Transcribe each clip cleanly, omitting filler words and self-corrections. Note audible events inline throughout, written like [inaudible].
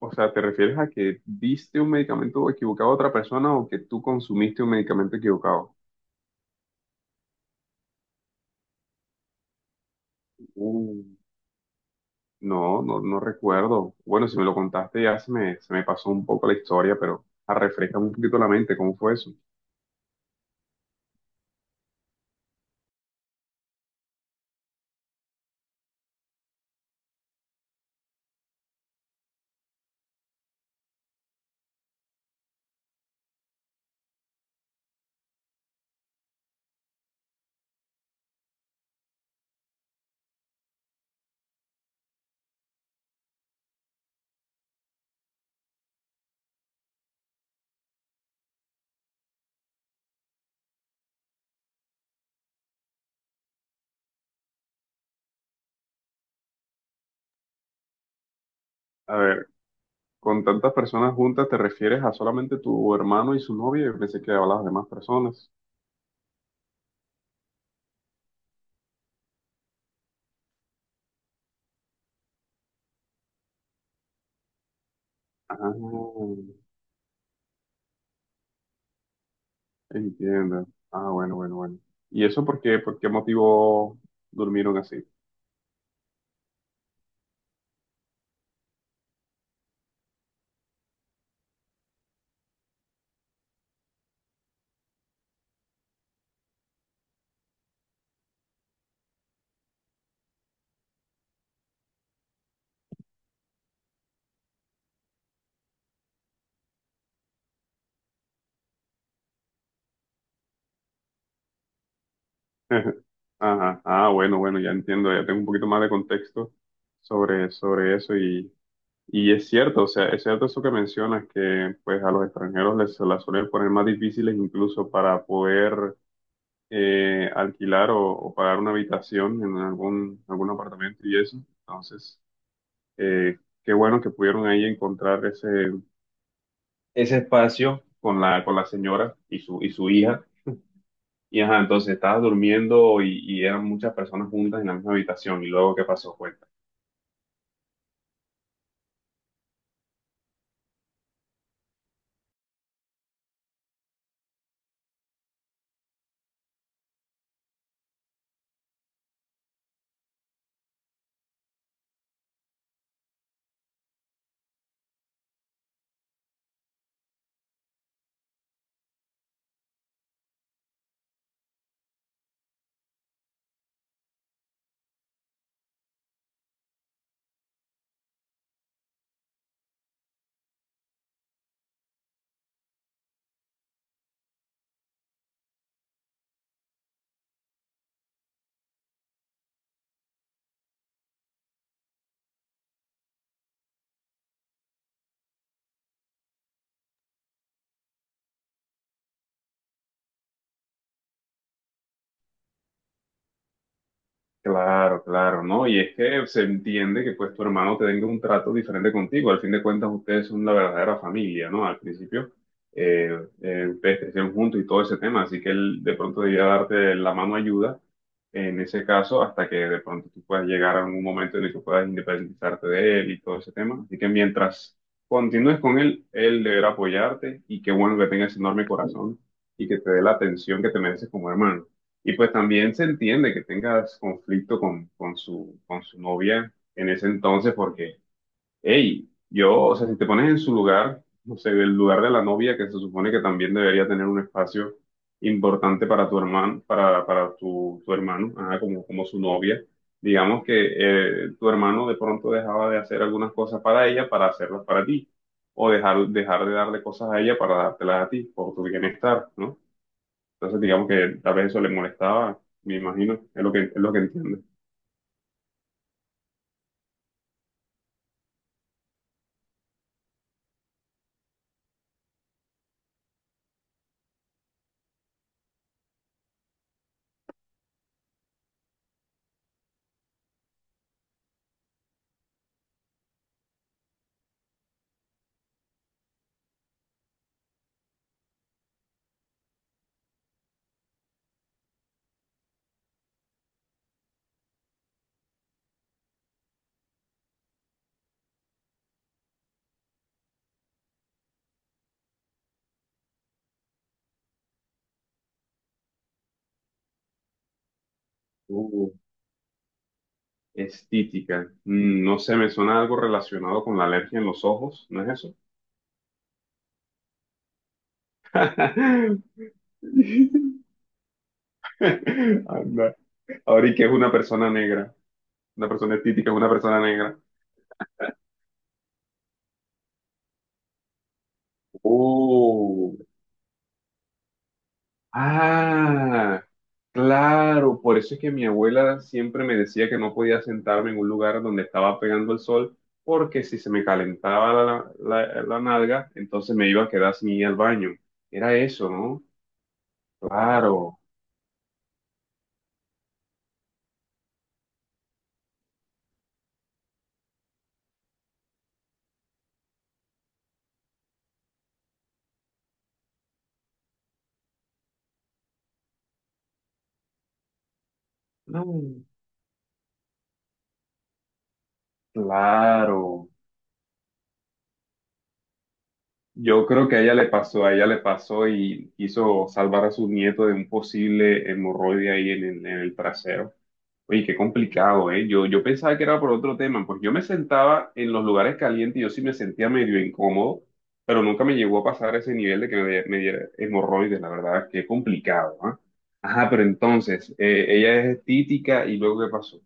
O sea, ¿te refieres a que diste un medicamento equivocado a otra persona o que tú consumiste un medicamento equivocado? Uh, no, no, no recuerdo. Bueno, si me lo contaste ya se me pasó un poco la historia, pero refrescame un poquito la mente, ¿cómo fue eso? A ver, con tantas personas juntas, ¿te refieres a solamente tu hermano y su novia? Yo pensé que hablabas de más personas. Ah, entiendo. Ah, bueno, bueno, bueno. ¿Y eso por qué motivo durmieron así? [laughs] Ajá, ah, bueno, bueno, ya entiendo, ya tengo un poquito más de contexto sobre eso y es cierto, o sea, es cierto eso que mencionas, que pues a los extranjeros les se las suelen poner más difíciles incluso para poder alquilar o pagar una habitación en algún apartamento y eso. Entonces, eh, qué bueno que pudieron ahí encontrar ese espacio con con la señora y y su hija. Y ajá, entonces estabas durmiendo y eran muchas personas juntas en la misma habitación. ¿Y luego qué pasó? Fue claro, claro, ¿no? Y es que se entiende que pues tu hermano te tenga un trato diferente contigo. Al fin de cuentas, ustedes son la verdadera familia, ¿no? Al principio, eh, ustedes crecieron juntos y todo ese tema, así que él de pronto debía darte la mano ayuda en ese caso hasta que de pronto tú puedas llegar a un momento en el que puedas independizarte de él y todo ese tema. Así que mientras continúes con él, él deberá apoyarte y qué bueno que tenga ese enorme corazón y que te dé la atención que te mereces como hermano. Y pues también se entiende que tengas conflicto con su novia en ese entonces, porque, hey, yo, o sea, si te pones en su lugar, no sé, el lugar de la novia, que se supone que también debería tener un espacio importante para tu hermano, para tu, tu hermano, ajá, como, como su novia, digamos que tu hermano de pronto dejaba de hacer algunas cosas para ella para hacerlas para ti, o dejar, dejar de darle cosas a ella para dártelas a ti, por tu bienestar, ¿no? Entonces, digamos que tal vez eso le molestaba, me imagino, es lo es lo que entiende. Uh, estítica. Mm, no sé, me suena algo relacionado con la alergia en los ojos, ¿no es eso? [laughs] Anda. Ahora, ¿y qué es una persona negra? Una persona estítica es una persona negra. Oh. Ah, claro, por eso es que mi abuela siempre me decía que no podía sentarme en un lugar donde estaba pegando el sol, porque si se me calentaba la nalga, entonces me iba a quedar sin ir al baño. Era eso, ¿no? Claro, mm, claro. Yo creo que a ella le pasó, a ella le pasó y quiso salvar a su nieto de un posible hemorroide ahí en el trasero. Oye, qué complicado, ¿eh? Yo pensaba que era por otro tema, pues yo me sentaba en los lugares calientes y yo sí me sentía medio incómodo, pero nunca me llegó a pasar ese nivel de que me diera hemorroides, la verdad, qué complicado, ¿ah? Ajá, pero entonces, ella es estítica y luego ¿qué pasó?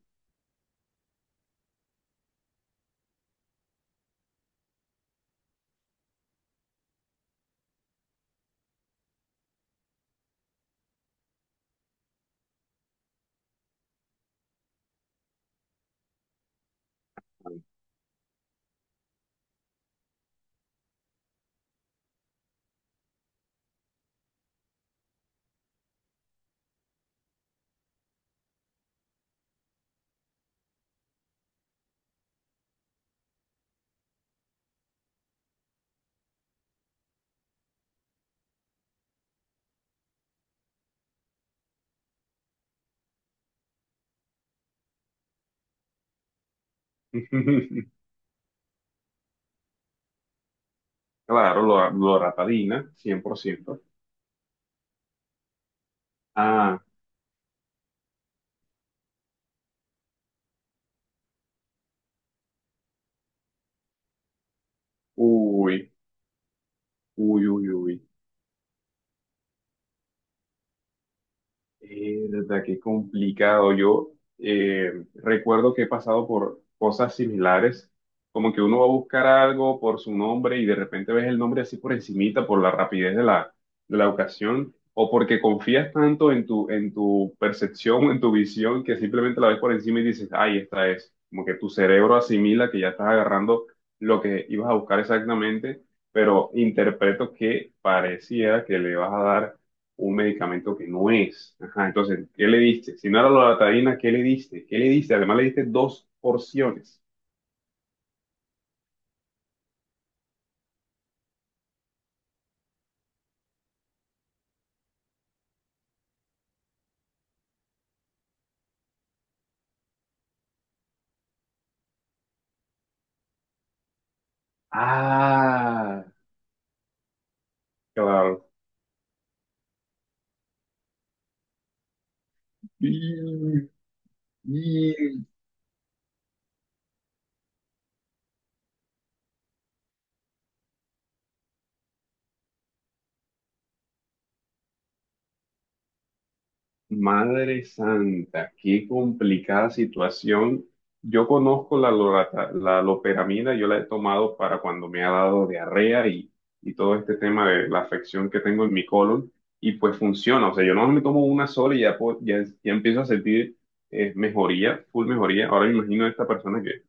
[laughs] Claro, loratadina, 100%. Ah, uy, uy, uy, uy. Verdad que complicado. Yo recuerdo que he pasado por cosas similares, como que uno va a buscar algo por su nombre y de repente ves el nombre así por encimita, por la rapidez de de la ocasión, o porque confías tanto en tu percepción en tu visión que simplemente la ves por encima y dices, ay, esta es. Como que tu cerebro asimila que ya estás agarrando lo que ibas a buscar exactamente, pero interpreto que pareciera que le vas a dar un medicamento que no es. Ajá, entonces, ¿qué le diste? Si no era la loratadina, ¿qué le diste? ¿Qué le diste? Además, le diste dos porciones. Ah, claro. Y, madre santa, qué complicada situación. Yo conozco la loperamida, yo la he tomado para cuando me ha dado diarrea y todo este tema de la afección que tengo en mi colon, y pues funciona. O sea, yo no me tomo una sola y ya, ya, ya empiezo a sentir mejoría, full mejoría. Ahora me imagino a esta persona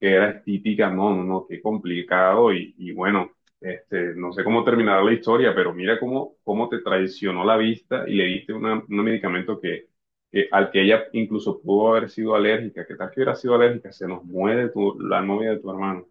que era típica, no, no, no, qué complicado. Y bueno, este, no sé cómo terminará la historia, pero mira cómo, cómo te traicionó la vista y le diste un medicamento que, al que ella incluso pudo haber sido alérgica. ¿Qué tal que hubiera sido alérgica? Se nos muere la novia de tu hermano.